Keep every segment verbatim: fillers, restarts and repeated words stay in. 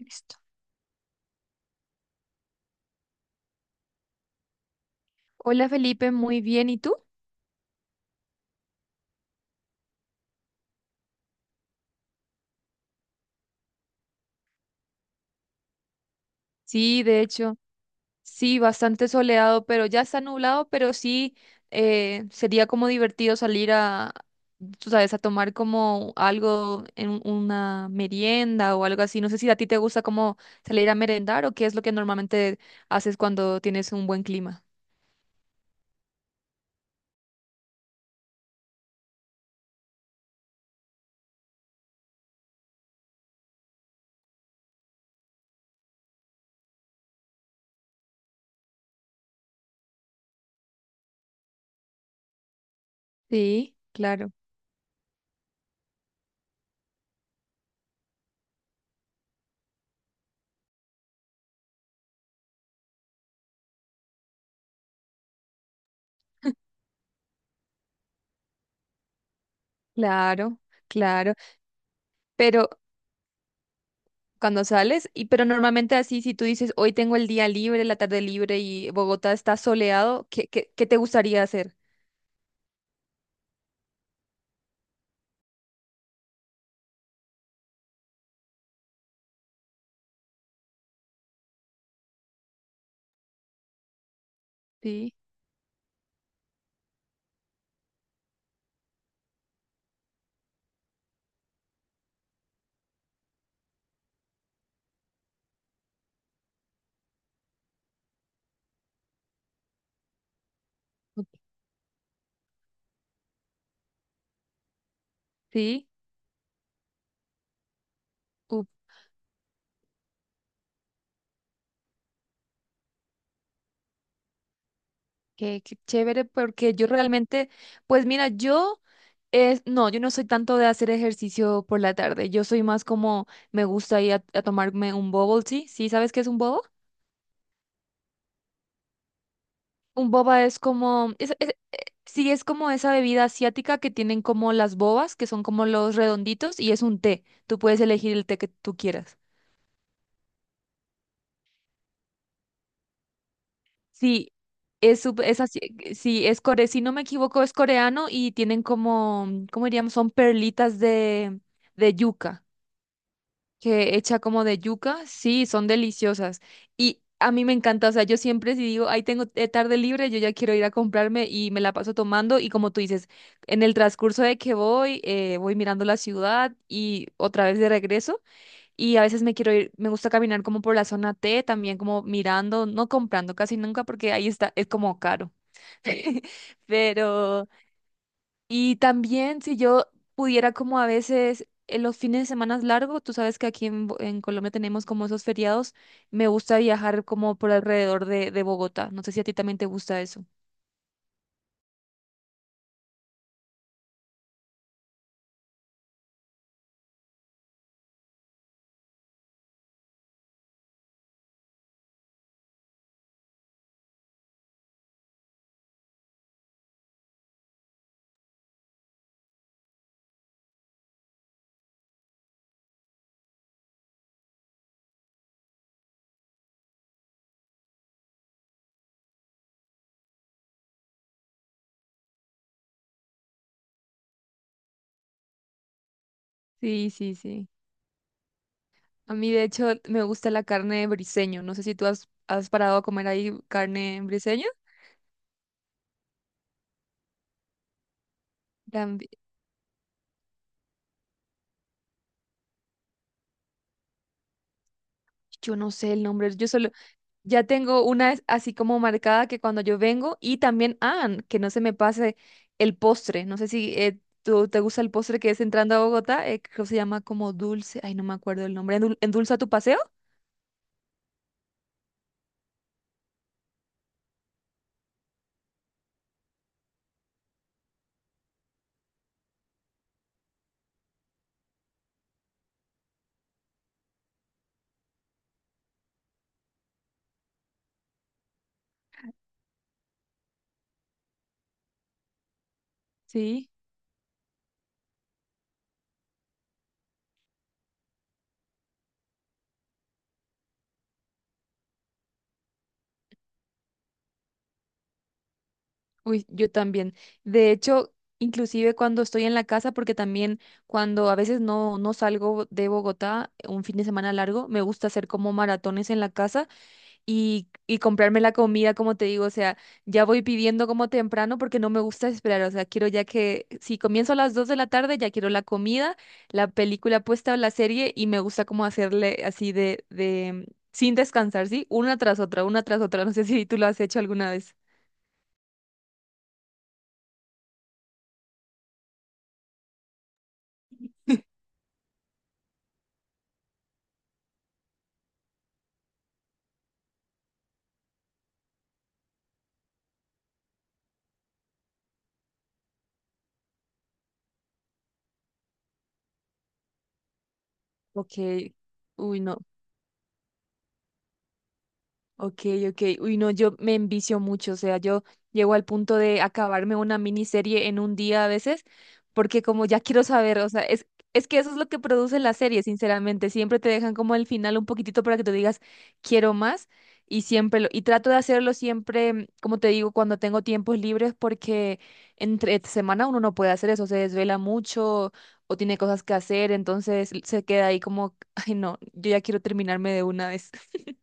Listo. Hola Felipe, muy bien. ¿Y tú? Sí, de hecho, sí, bastante soleado, pero ya está nublado, pero sí eh, sería como divertido salir a, tú sabes, a tomar como algo en un- una merienda o algo así. No sé si a ti te gusta como salir a merendar o qué es lo que normalmente haces cuando tienes un buen clima. Sí, claro, claro, claro. Pero cuando sales, y pero normalmente así, si tú dices, hoy tengo el día libre, la tarde libre y Bogotá está soleado, ¿qué, qué, qué te gustaría hacer? Sí, ok, sí, uh, qué, qué chévere, porque yo realmente, pues mira, yo, es, no, yo no soy tanto de hacer ejercicio por la tarde, yo soy más como, me gusta ir a, a tomarme un bubble tea, ¿sí sabes qué es un bubble? Un boba es como, es- es- eh, sí, es como esa bebida asiática que tienen como las bobas, que son como los redonditos, y es un té. Tú puedes elegir el té que tú quieras. Sí, es, sup- es así, eh, sí, es core, si no me equivoco, es coreano y tienen como, ¿cómo diríamos? Son perlitas de, de yuca. Que hecha como de yuca, sí, son deliciosas. Y a mí me encanta, o sea, yo siempre si digo, ahí tengo eh, tarde libre, yo ya quiero ir a comprarme y me la paso tomando y como tú dices, en el transcurso de que voy, eh, voy mirando la ciudad y otra vez de regreso y a veces me quiero ir, me gusta caminar como por la zona T, también como mirando, no comprando casi nunca porque ahí está, es como caro. Pero... Y también si yo pudiera como a veces en los fines de semana largos, tú sabes que aquí en, Bo- en Colombia tenemos como esos feriados, me gusta viajar como por alrededor de, de Bogotá. No sé si a ti también te gusta eso. Sí, sí, sí. A mí de hecho me gusta la carne de briseño. No sé si tú has, has parado a comer ahí carne en briseño. Tambi- Yo no sé el nombre, yo solo, ya tengo una es- así como marcada que cuando yo vengo y también, ah, que no se me pase el postre. No sé si eh, tú te gusta el postre que es entrando a Bogotá, eh, creo que se llama como dulce, ay, no me acuerdo el nombre. ¿Endul- ¿Endulza tu paseo? Sí, uy, yo también. De hecho, inclusive cuando estoy en la casa, porque también cuando a veces no, no salgo de Bogotá un fin de semana largo, me gusta hacer como maratones en la casa y, y comprarme la comida, como te digo, o sea, ya voy pidiendo como temprano porque no me gusta esperar, o sea, quiero ya que si comienzo a las dos de la tarde, ya quiero la comida, la película puesta o la serie y me gusta como hacerle así de, de, sin descansar, ¿sí? Una tras otra, una tras otra, no sé si tú lo has hecho alguna vez. Ok, uy, no. Ok, ok. Uy, no, yo me envicio mucho, o sea, yo llego al punto de acabarme una miniserie en un día a veces, porque como ya quiero saber, o sea, es, es que eso es lo que producen las series, sinceramente, siempre te dejan como el final un poquitito para que tú digas, quiero más, y siempre lo, y trato de hacerlo siempre, mm, como te digo, cuando tengo tiempos libres, porque entre semana uno no puede hacer eso, se desvela mucho o tiene cosas que hacer, entonces se queda ahí como, ay, no, yo ya quiero terminarme de una vez.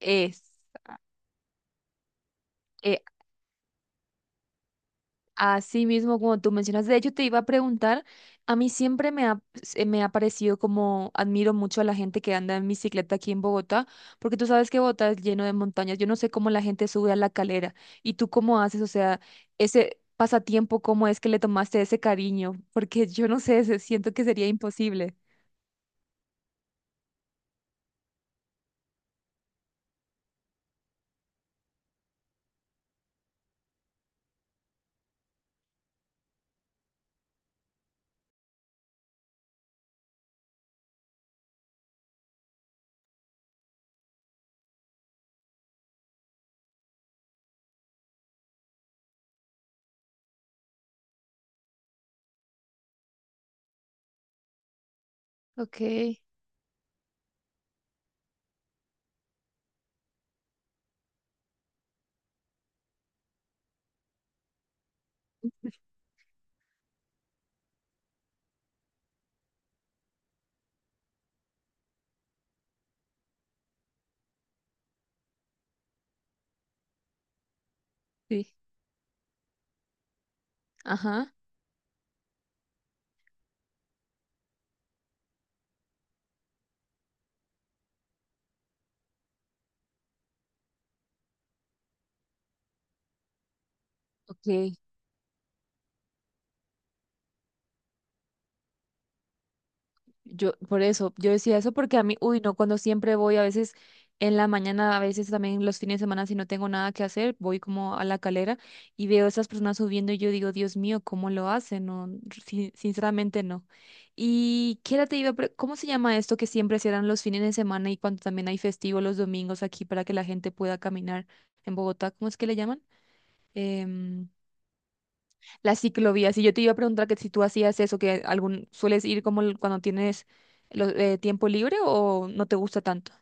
Es. eh, Así mismo, como tú mencionas, de hecho te iba a preguntar, a mí siempre me ha, se me ha parecido como admiro mucho a la gente que anda en bicicleta aquí en Bogotá, porque tú sabes que Bogotá es lleno de montañas, yo no sé cómo la gente sube a la calera y tú cómo haces, o sea, ese pasatiempo, cómo es que le tomaste ese cariño, porque yo no sé, se- siento que sería imposible. Ok. Sí. Ajá. Ok. Yo, por eso, yo decía eso porque a mí, uy, no, cuando siempre voy, a veces en la mañana, a veces también los fines de semana, si no tengo nada que hacer, voy como a la calera y veo a esas personas subiendo y yo digo, Dios mío, ¿cómo lo hacen? No, sin- sinceramente no. ¿Y qué era te iba a pre- cómo se llama esto que siempre cierran los fines de semana y cuando también hay festivo los domingos aquí para que la gente pueda caminar en Bogotá? ¿Cómo es que le llaman? Em, las ciclovías. Y yo te iba a preguntar que si tú hacías eso, que algún sueles ir como el- cuando tienes lo- eh, tiempo libre o no te gusta tanto.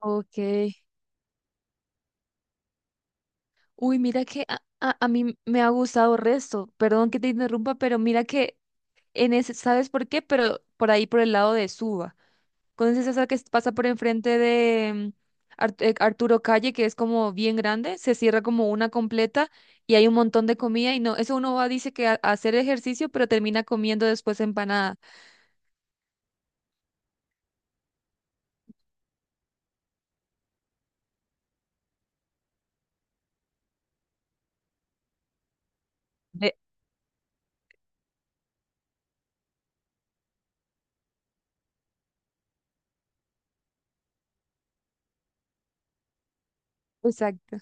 Ok. Uy, mira que a, a- a mí me ha gustado resto. Perdón que te interrumpa, pero mira que en ese, ¿sabes por qué? Pero por ahí por el lado de Suba. ¿Conoces esa que pasa por enfrente de mm, eh, Arturo Calle, que es como bien grande? Se cierra como una completa y hay un montón de comida y no, eso uno va, dice que a, a hacer ejercicio, pero termina comiendo después empanada. De- Exacto,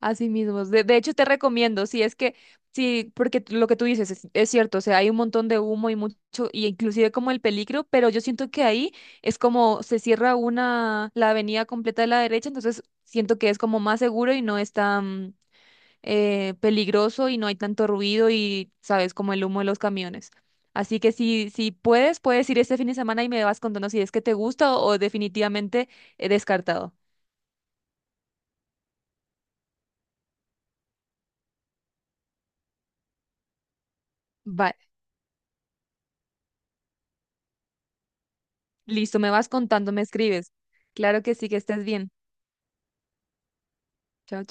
así mismo. De, de hecho, te recomiendo, si es que, sí, porque t- lo que tú dices es, es cierto, o sea, hay un montón de humo y mucho, y inclusive como el peligro, pero yo siento que ahí es como se cierra una, la avenida completa de la derecha, entonces siento que es como más seguro y no es tan, eh, peligroso y no hay tanto ruido y sabes, como el humo de los camiones. Así que si, si puedes, puedes ir este fin de semana y me vas contando si es que te gusta o, o definitivamente he descartado. Va, listo, me vas contando, me escribes. Claro que sí, que estés bien. Chao.